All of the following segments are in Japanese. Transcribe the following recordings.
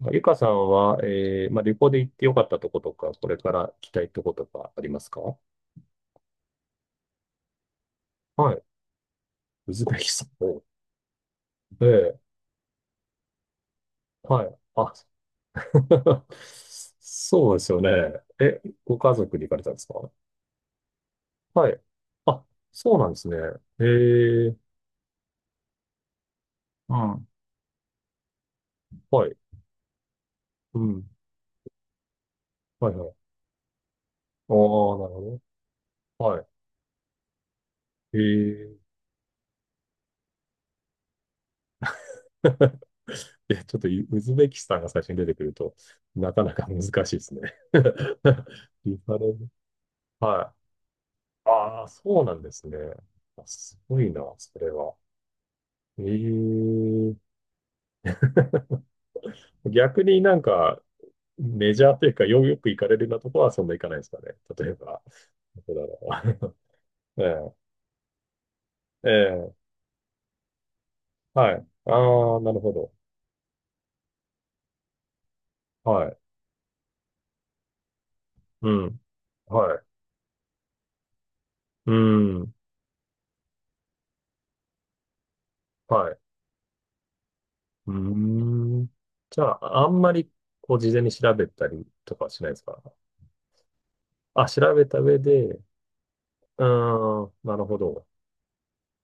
まあゆかさんは、まあ、旅行で行ってよかったとことか、これから行きたいとことかありますか？はい。ウズベキスタン。ええ、はい。あ、そうですよね。え、ご家族で行かれたんですか？はい。あ、そうなんですね。ええ、うん。はい。うん。はいはい。ああ、なるほど。はい。ええ。いや、ちょっとウズベキスタンが最初に出てくると、なかなか難しいですね。リファレン、はい。ああ、そうなんですね。あすごいな、それは。ええ 逆になんか、メジャーというか、よく行かれるようなとこはそんな行かないですかね。例えば、どこだろう。ええ、ええ、はい。ああ、なるほど。はい。うん。はい。うん。はい。うーん。じゃあ、あんまり、こう、事前に調べたりとかはしないですか？あ、調べた上で、うーん、なるほど。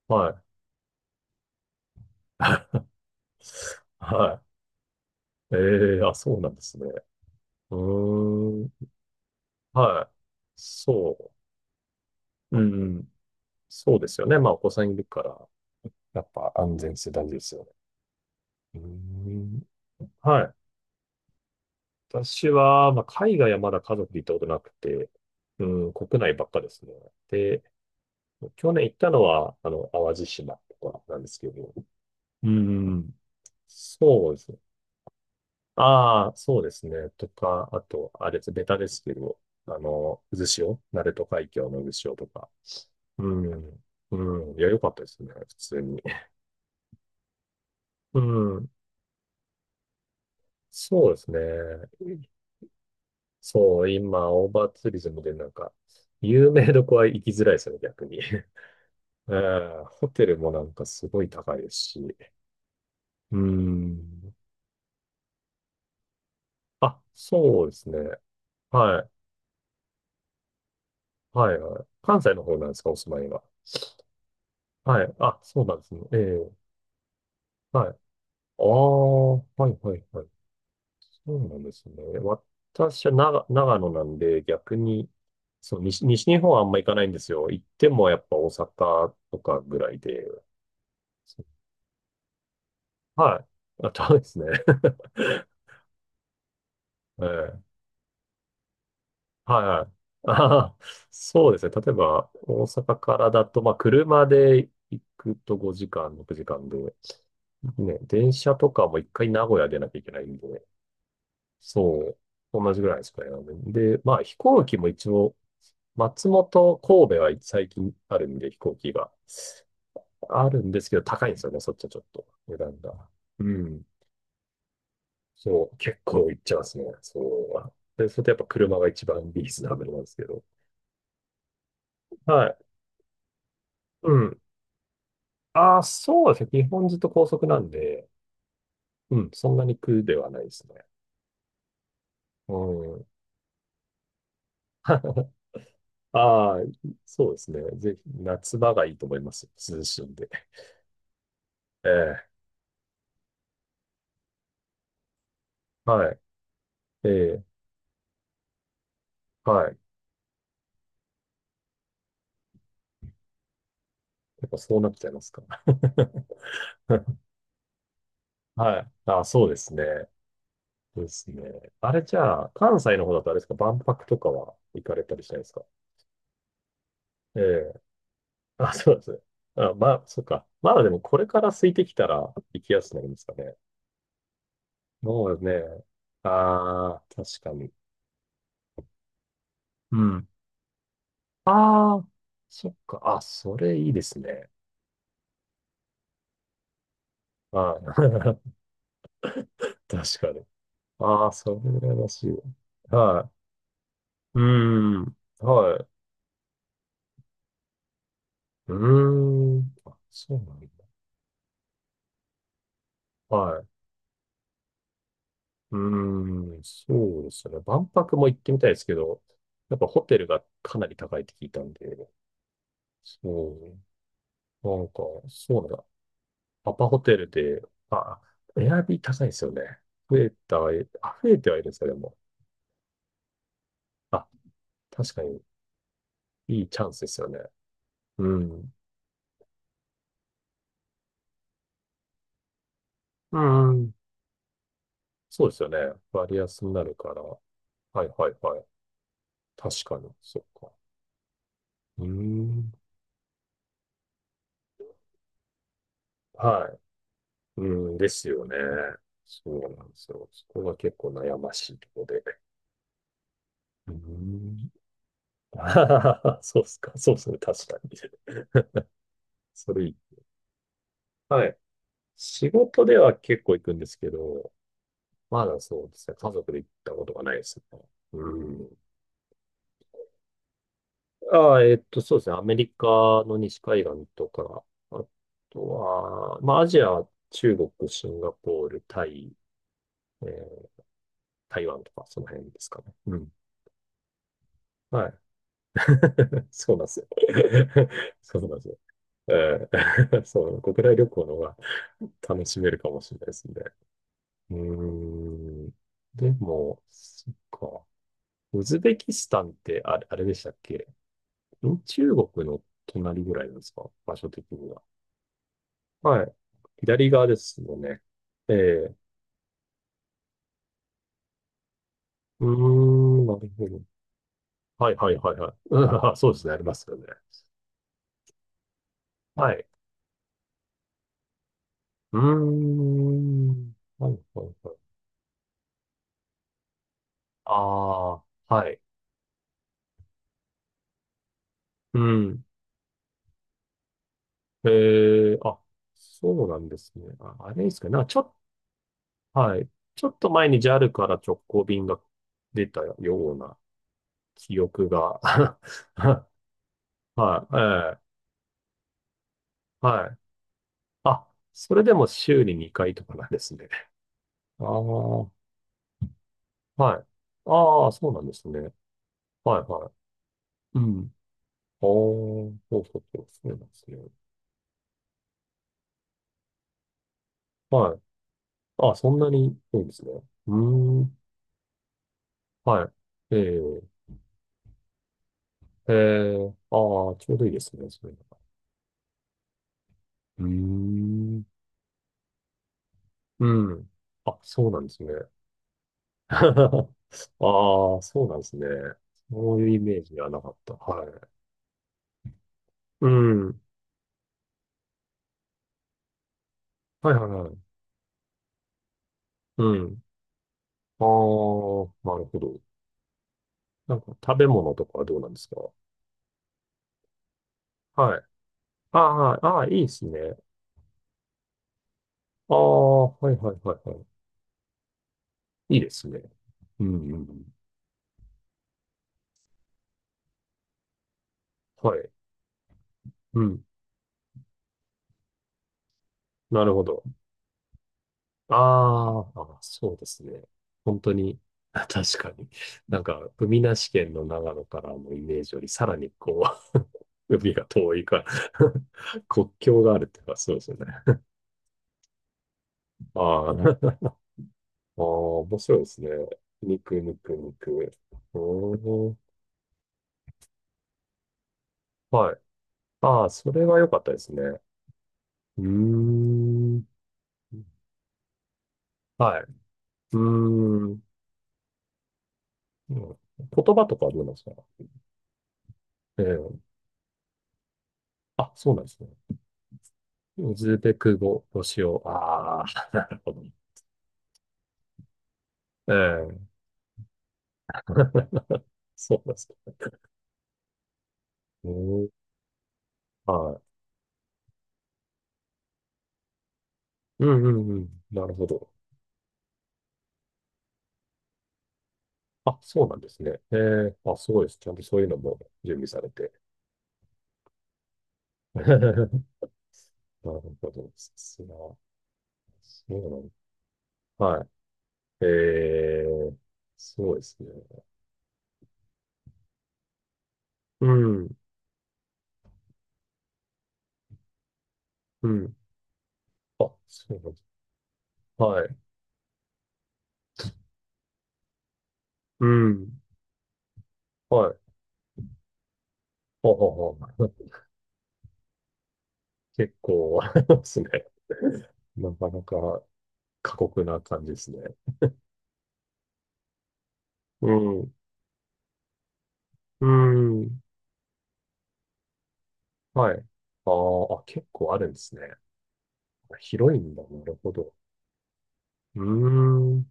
はい。はい。ええあ、そうなんですね。うーん。はい。そう。うん。そうですよね。まあ、お子さんいるから、やっぱ安全性大事ですよね。うーん。はい。私は、まあ、海外はまだ家族で行ったことなくて、うん、国内ばっかですね。で、去年行ったのは、淡路島とかなんですけど、うん。そうですね。ああ、そうですね。とか、あと、あれです、ベタですけど、渦潮、鳴門海峡の渦潮とか、うん。うん。いや、良かったですね。普通に。うん。そうですね。そう、今、オーバーツーリズムでなんか、有名どこは行きづらいですよね、逆に。うん。ホテルもなんかすごい高いですし。うん。あ、そうですね。はい。はい、はい。関西の方なんですか、お住まいが？はい。あ、そうなんですね。ええ。はい。ああ、はい、はい、はい。そうなんですね。私は長野なんで、逆に、そう、西日本はあんま行かないんですよ。行ってもやっぱ大阪とかぐらいで。そうはい。あ、そうですね。ええはいはい。あーそうですね。例えば、大阪からだと、まあ、車で行くと5時間、6時間で、ね、電車とかも一回名古屋出なきゃいけないんで、そう、同じぐらいですかね。で、まあ、飛行機も一応、松本、神戸は最近あるんで、飛行機が。あるんですけど、高いんですよね、そっちはちょっと、値段が。うん。そう、結構いっちゃいますね、そうは。で、それでやっぱ車が一番リーズナブルなんですけど。はい。うん。ああ、そうですね。基本ずっと高速なんで、うん、そんなに苦ではないですね。うん。ああ、そうですね。ぜひ、夏場がいいと思います。涼しいんで。ええはい。ええはい。やっぱそうなっちゃいますか。はい。あ、そうですね。そうですね。あれじゃあ、関西の方だとあれですか、万博とかは行かれたりしないですか？ええ。あ、そうですね。あ、まあ、そっか。まだでもこれから空いてきたら行きやすくなりますかね。そうですね。ああ、確かに。うん。ああ、そっか。あ、それいいですね。はい。確かに。ああ、それ羨ましいわ。はい。うーん。はい。うーん。あ、そうなんだ。はい。うーん、そうですね。万博も行ってみたいですけど、やっぱホテルがかなり高いって聞いたんで、そう、なんか、そうなんだ。アパホテルで、あ、エアビー高いですよね。増えた、えあ、増えてはいるんですか、でも。あ、確かに、いいチャンスですよね。うん。うん。そうですよね。割安になるから。はいはいはい。確かに、そうか。うーん。はい。うん、ですよね。そうなんですよ。そこが結構悩ましいところで。うん。そうっすか。そうですね。確かに。それいい、はい。仕事では結構行くんですけど、まだそうですね。家族で行ったことがないですね。うん。ああ、そうですね。アメリカの西海岸とか、あとは、まあ、アジアは中国、シンガポール、タイ、えー台湾とか、その辺ですかね。うん。はい そうなんですよ。そうなんですよ。ええ そう、国内旅行の方が楽しめるかもしれないですね。うーん。でも、そっか。ウズベキスタンってあれでしたっけ？中国の隣ぐらいなんですか、場所的には？はい。左側ですもんね。ええうーん、なるほど。はいはいはいはい。うん そうですね、ありますよね。はい。うーん。はいはいはい。ああ、はい。うん。えーあ、そうなんですね。あ、あれですかね。なんかちょっ、はい。ちょっと前に JAL から直行便が出たような記憶が。はい、ええはい。あ、それでも週に2回とかなんですね。ああ、はい。ああ、そうなんですね。はい、はい。うん。ああ、そうそうそう、そうなんですね。はい。あ、そんなに多いんですね。うーん。はい。ええええ、ああ、ちょうどいいですね、そういうのが。うーん。うん。あ、そうなんですね。ああ、そうなんですね。そういうイメージではなかった。はい。うん。はいはいはい。うん。ああ、なるほど。なんか食べ物とかはどうなんですか？はい。ああ、ああ、いいですね。ああ、はいはいはいはい。いいですね。うんうんうん。はい。うん。なるほど。あーあ、そうですね。本当に、あ確かに。なんか、海なし県の長野からのイメージより、さらにこう、海が遠いから 国境があるっていうか、そうですよね。ああ、ああ面白いですね。肉、肉、肉。おー、はい。ああ、それは良かったですね。うーん。はい。うーん。言葉とかはどうなんですか？ええあ、そうなんですね。ウズベク語を使用。ああ、なるほど。ええ。そうなんですか。うん、はい。うんうんうん。なるほど。あ、そうなんですね。ええ、あ、すごいです。ちゃんとそういうのも準備されて。なるほど。さすが。そうなの。はい。ええ、すごいですね。うん、うん。あ、そうなんです。はい。うん、はい。ほうほうほう。結構、あれですね。なかなか過酷な感じですね。うん。うん。はい。あーあ、結構あるんですね。広いんだ。なるほど。うーん。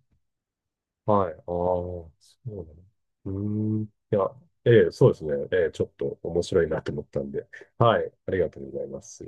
はい。ああ、そうなの。うーん。いや、ええ、そうですね。ええ、ちょっと面白いなと思ったんで。はい。ありがとうございます。